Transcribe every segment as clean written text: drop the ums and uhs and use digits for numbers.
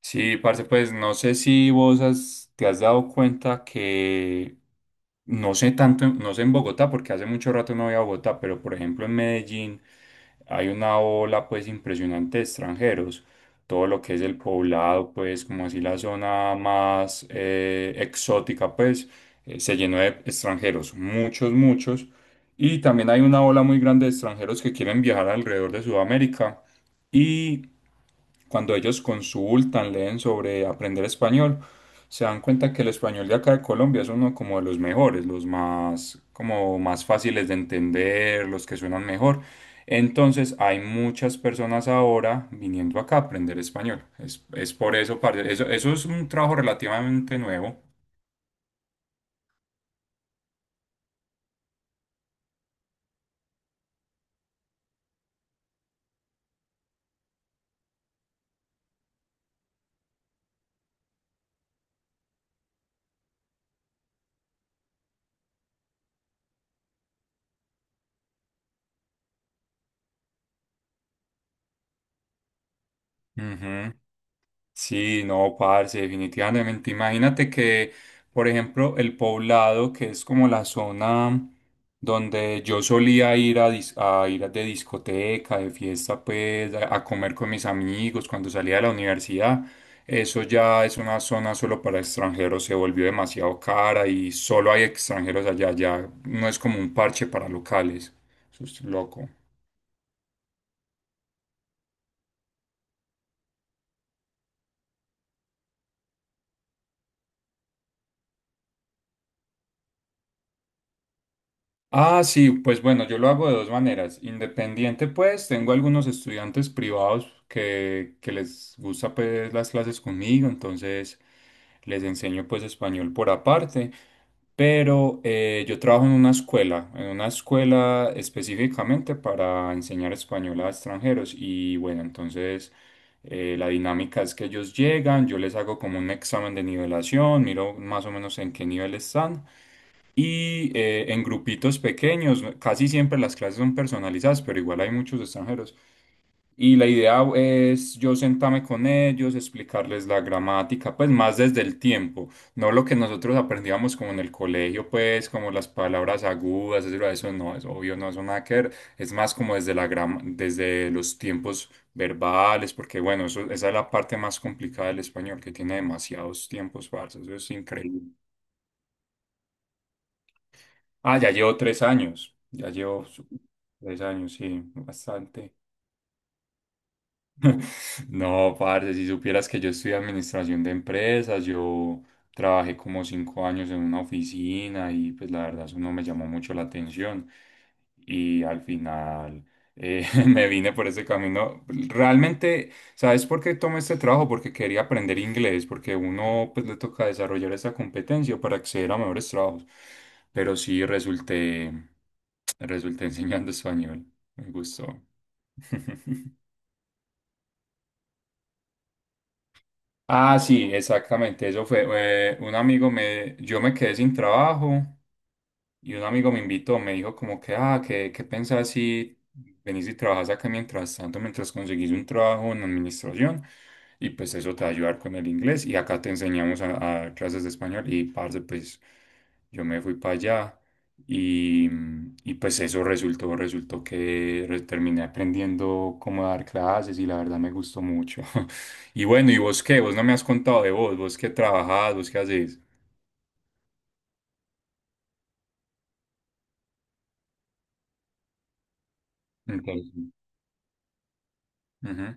Sí, parce, pues no sé si te has dado cuenta que no sé tanto, no sé en Bogotá, porque hace mucho rato no voy a Bogotá, pero por ejemplo en Medellín hay una ola pues impresionante de extranjeros. Todo lo que es el poblado, pues como así la zona más exótica, pues se llenó de extranjeros, muchos, muchos. Y también hay una ola muy grande de extranjeros que quieren viajar alrededor de Sudamérica. Y cuando ellos consultan, leen sobre aprender español, se dan cuenta que el español de acá de Colombia es uno como de los mejores, los más, como más fáciles de entender, los que suenan mejor. Entonces hay muchas personas ahora viniendo acá a aprender español. Es por eso, parce, eso es un trabajo relativamente nuevo. Ujú. Sí, no, parce, definitivamente. Imagínate que, por ejemplo, el Poblado, que es como la zona donde yo solía ir a, a ir de discoteca, de fiesta, pues, a comer con mis amigos cuando salía de la universidad, eso ya es una zona solo para extranjeros, se volvió demasiado cara y solo hay extranjeros allá, ya no es como un parche para locales. Eso es loco. Ah, sí, pues bueno, yo lo hago de dos maneras. Independiente, pues, tengo algunos estudiantes privados que les gusta pues las clases conmigo, entonces les enseño pues español por aparte, pero yo trabajo en una escuela específicamente para enseñar español a extranjeros y bueno, entonces la dinámica es que ellos llegan, yo les hago como un examen de nivelación, miro más o menos en qué nivel están y en grupitos pequeños, casi siempre las clases son personalizadas, pero igual hay muchos extranjeros. Y la idea es yo sentarme con ellos, explicarles la gramática, pues más desde el tiempo, no lo que nosotros aprendíamos como en el colegio, pues como las palabras agudas, etcétera, eso no es obvio, no es nada que ver, es más como desde la desde los tiempos verbales, porque bueno, eso, esa es la parte más complicada del español, que tiene demasiados tiempos falsos, eso es increíble. Ah, ya llevo 3 años. 3 años, sí, bastante. No, parce, si supieras que yo estudié administración de empresas, yo trabajé como 5 años en una oficina y pues la verdad eso no me llamó mucho la atención y al final me vine por ese camino. Realmente, ¿sabes por qué tomé este trabajo? Porque quería aprender inglés, porque uno pues le toca desarrollar esa competencia para acceder a mejores trabajos, pero sí resulté, resulté enseñando español, me gustó. Ah, sí, exactamente, eso fue. Yo me quedé sin trabajo y un amigo me invitó, me dijo como que, ah, ¿qué pensás si venís y trabajás acá mientras tanto, mientras conseguís un trabajo en administración? Y pues eso te va a ayudar con el inglés y acá te enseñamos a dar clases de español y parce, pues yo me fui para allá y, y pues eso resultó, terminé aprendiendo cómo dar clases y la verdad me gustó mucho. Y bueno, ¿y vos qué? Vos no me has contado de vos, vos qué trabajás, vos qué haces. Entonces, ujú,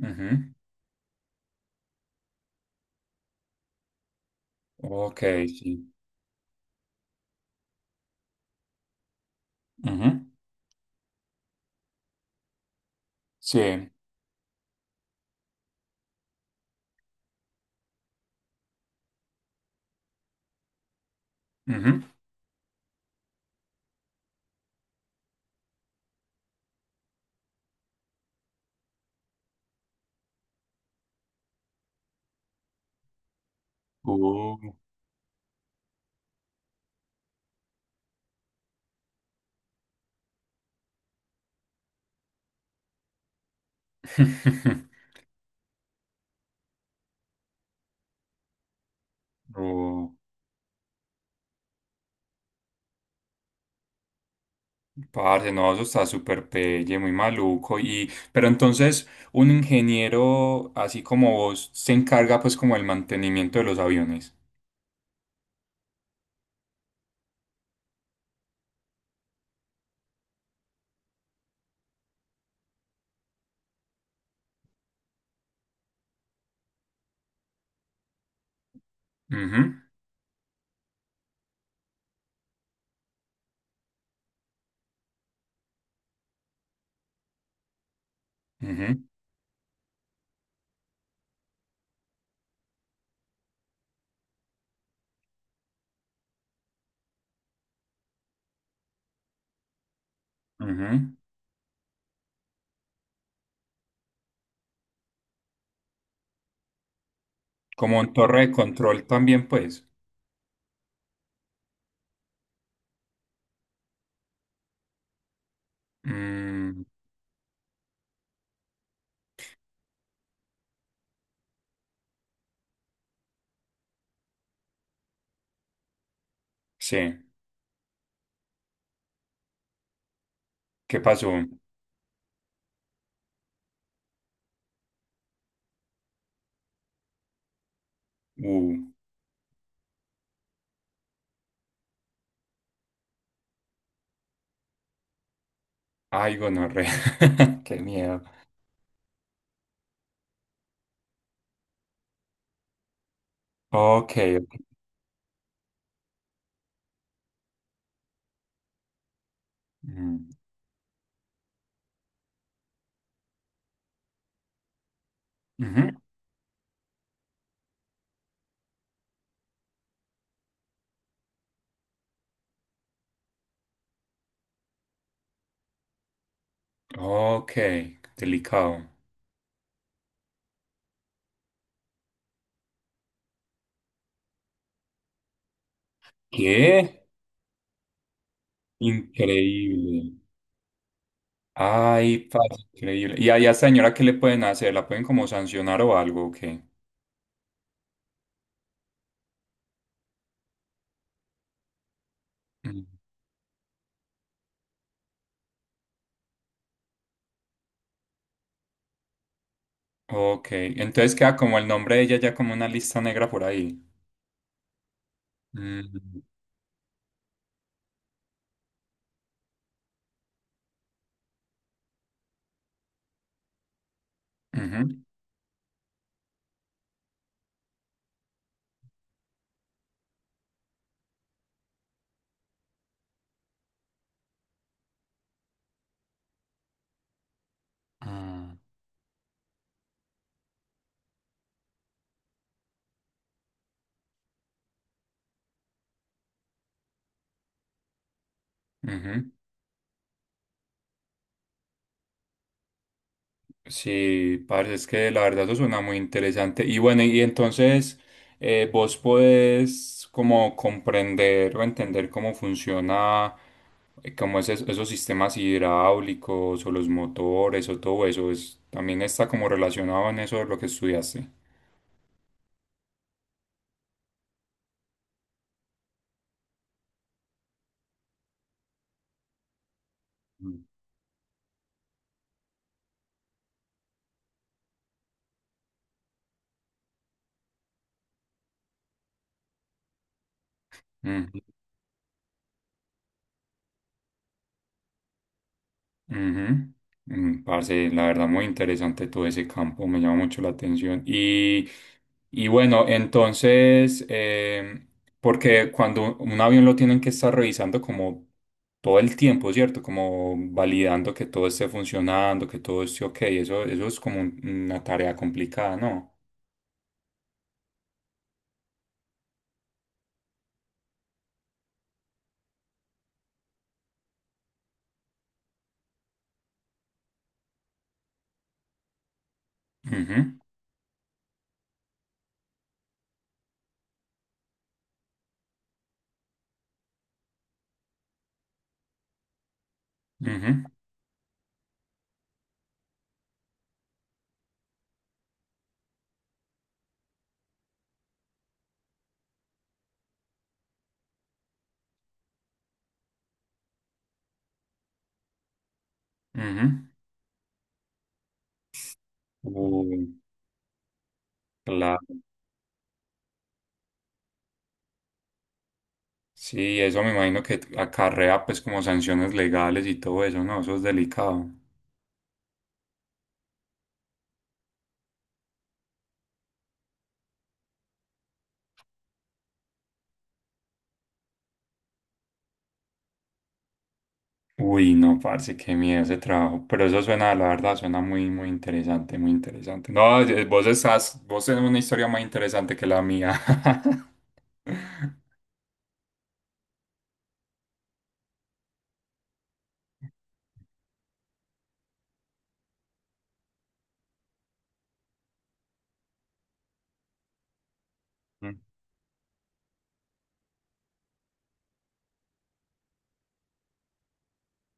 ujú. Ok, sí. Ujú. Sí. Ujú. Uh. Oh, parce, no, eso está súper pelle, muy maluco. Y, pero entonces, un ingeniero así como vos se encarga pues como el mantenimiento de los aviones. Ujú, ujú, ujú. Como en torre de control también, pues. Mm, sí. ¿Qué pasó? Uh, ay, gonorrea. Qué miedo. Ok. Ok. Mm, ujú. Ok, delicado. ¿Qué? Increíble. Ay, parce, increíble. ¿Y a esa señora qué le pueden hacer? ¿La pueden como sancionar o algo? Ok. Mm. Ok, entonces queda como el nombre de ella ya como una lista negra por ahí. Mm. Ujú. Ah, ujú. Sí, parce, es que la verdad eso suena muy interesante. Y bueno, y entonces vos podés como comprender o entender cómo funciona como esos, esos sistemas hidráulicos o los motores o todo eso, es, también está como relacionado en eso de lo que estudiaste. Mm. Mm, ujú. Mm, parce, la verdad, muy interesante todo ese campo, me llama mucho la atención. Y bueno, entonces, porque cuando un avión lo tienen que estar revisando como todo el tiempo, ¿cierto? Como validando que todo esté funcionando, que todo esté ok, eso es como una tarea complicada, ¿no? Ujú, ujú. Ujú. Uh, claro. Sí, eso me imagino que acarrea pues como sanciones legales y todo eso, ¿no? Eso es delicado. Uy, no, parce, qué miedo ese trabajo. Pero eso suena, la verdad, suena muy, muy interesante, muy interesante. No, vos estás, vos tenés una historia más interesante que la mía.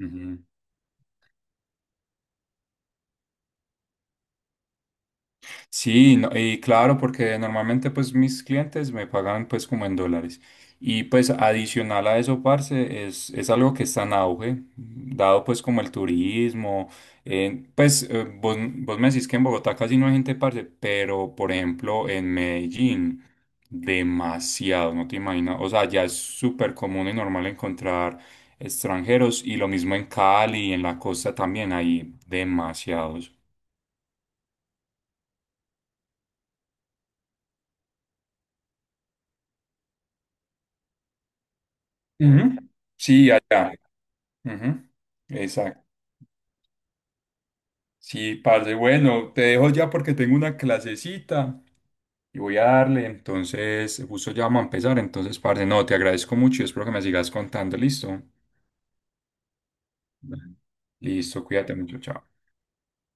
Ujú. Sí, y claro, porque normalmente pues mis clientes me pagan pues como en dólares. Y pues adicional a eso, parce, es algo que está en auge, dado pues como el turismo. Vos, vos me decís que en Bogotá casi no hay gente, parce, pero por ejemplo en Medellín, demasiado, no te imaginas. O sea, ya es súper común y normal encontrar extranjeros y lo mismo en Cali, en la costa también hay demasiados. Ujú. Sí, allá. Ujú, exacto. Sí, parce, bueno, te dejo ya porque tengo una clasecita y voy a darle, entonces justo ya vamos a empezar, entonces parce, no, te agradezco mucho y espero que me sigas contando, listo. Vale. Listo, cuídate mucho, chao.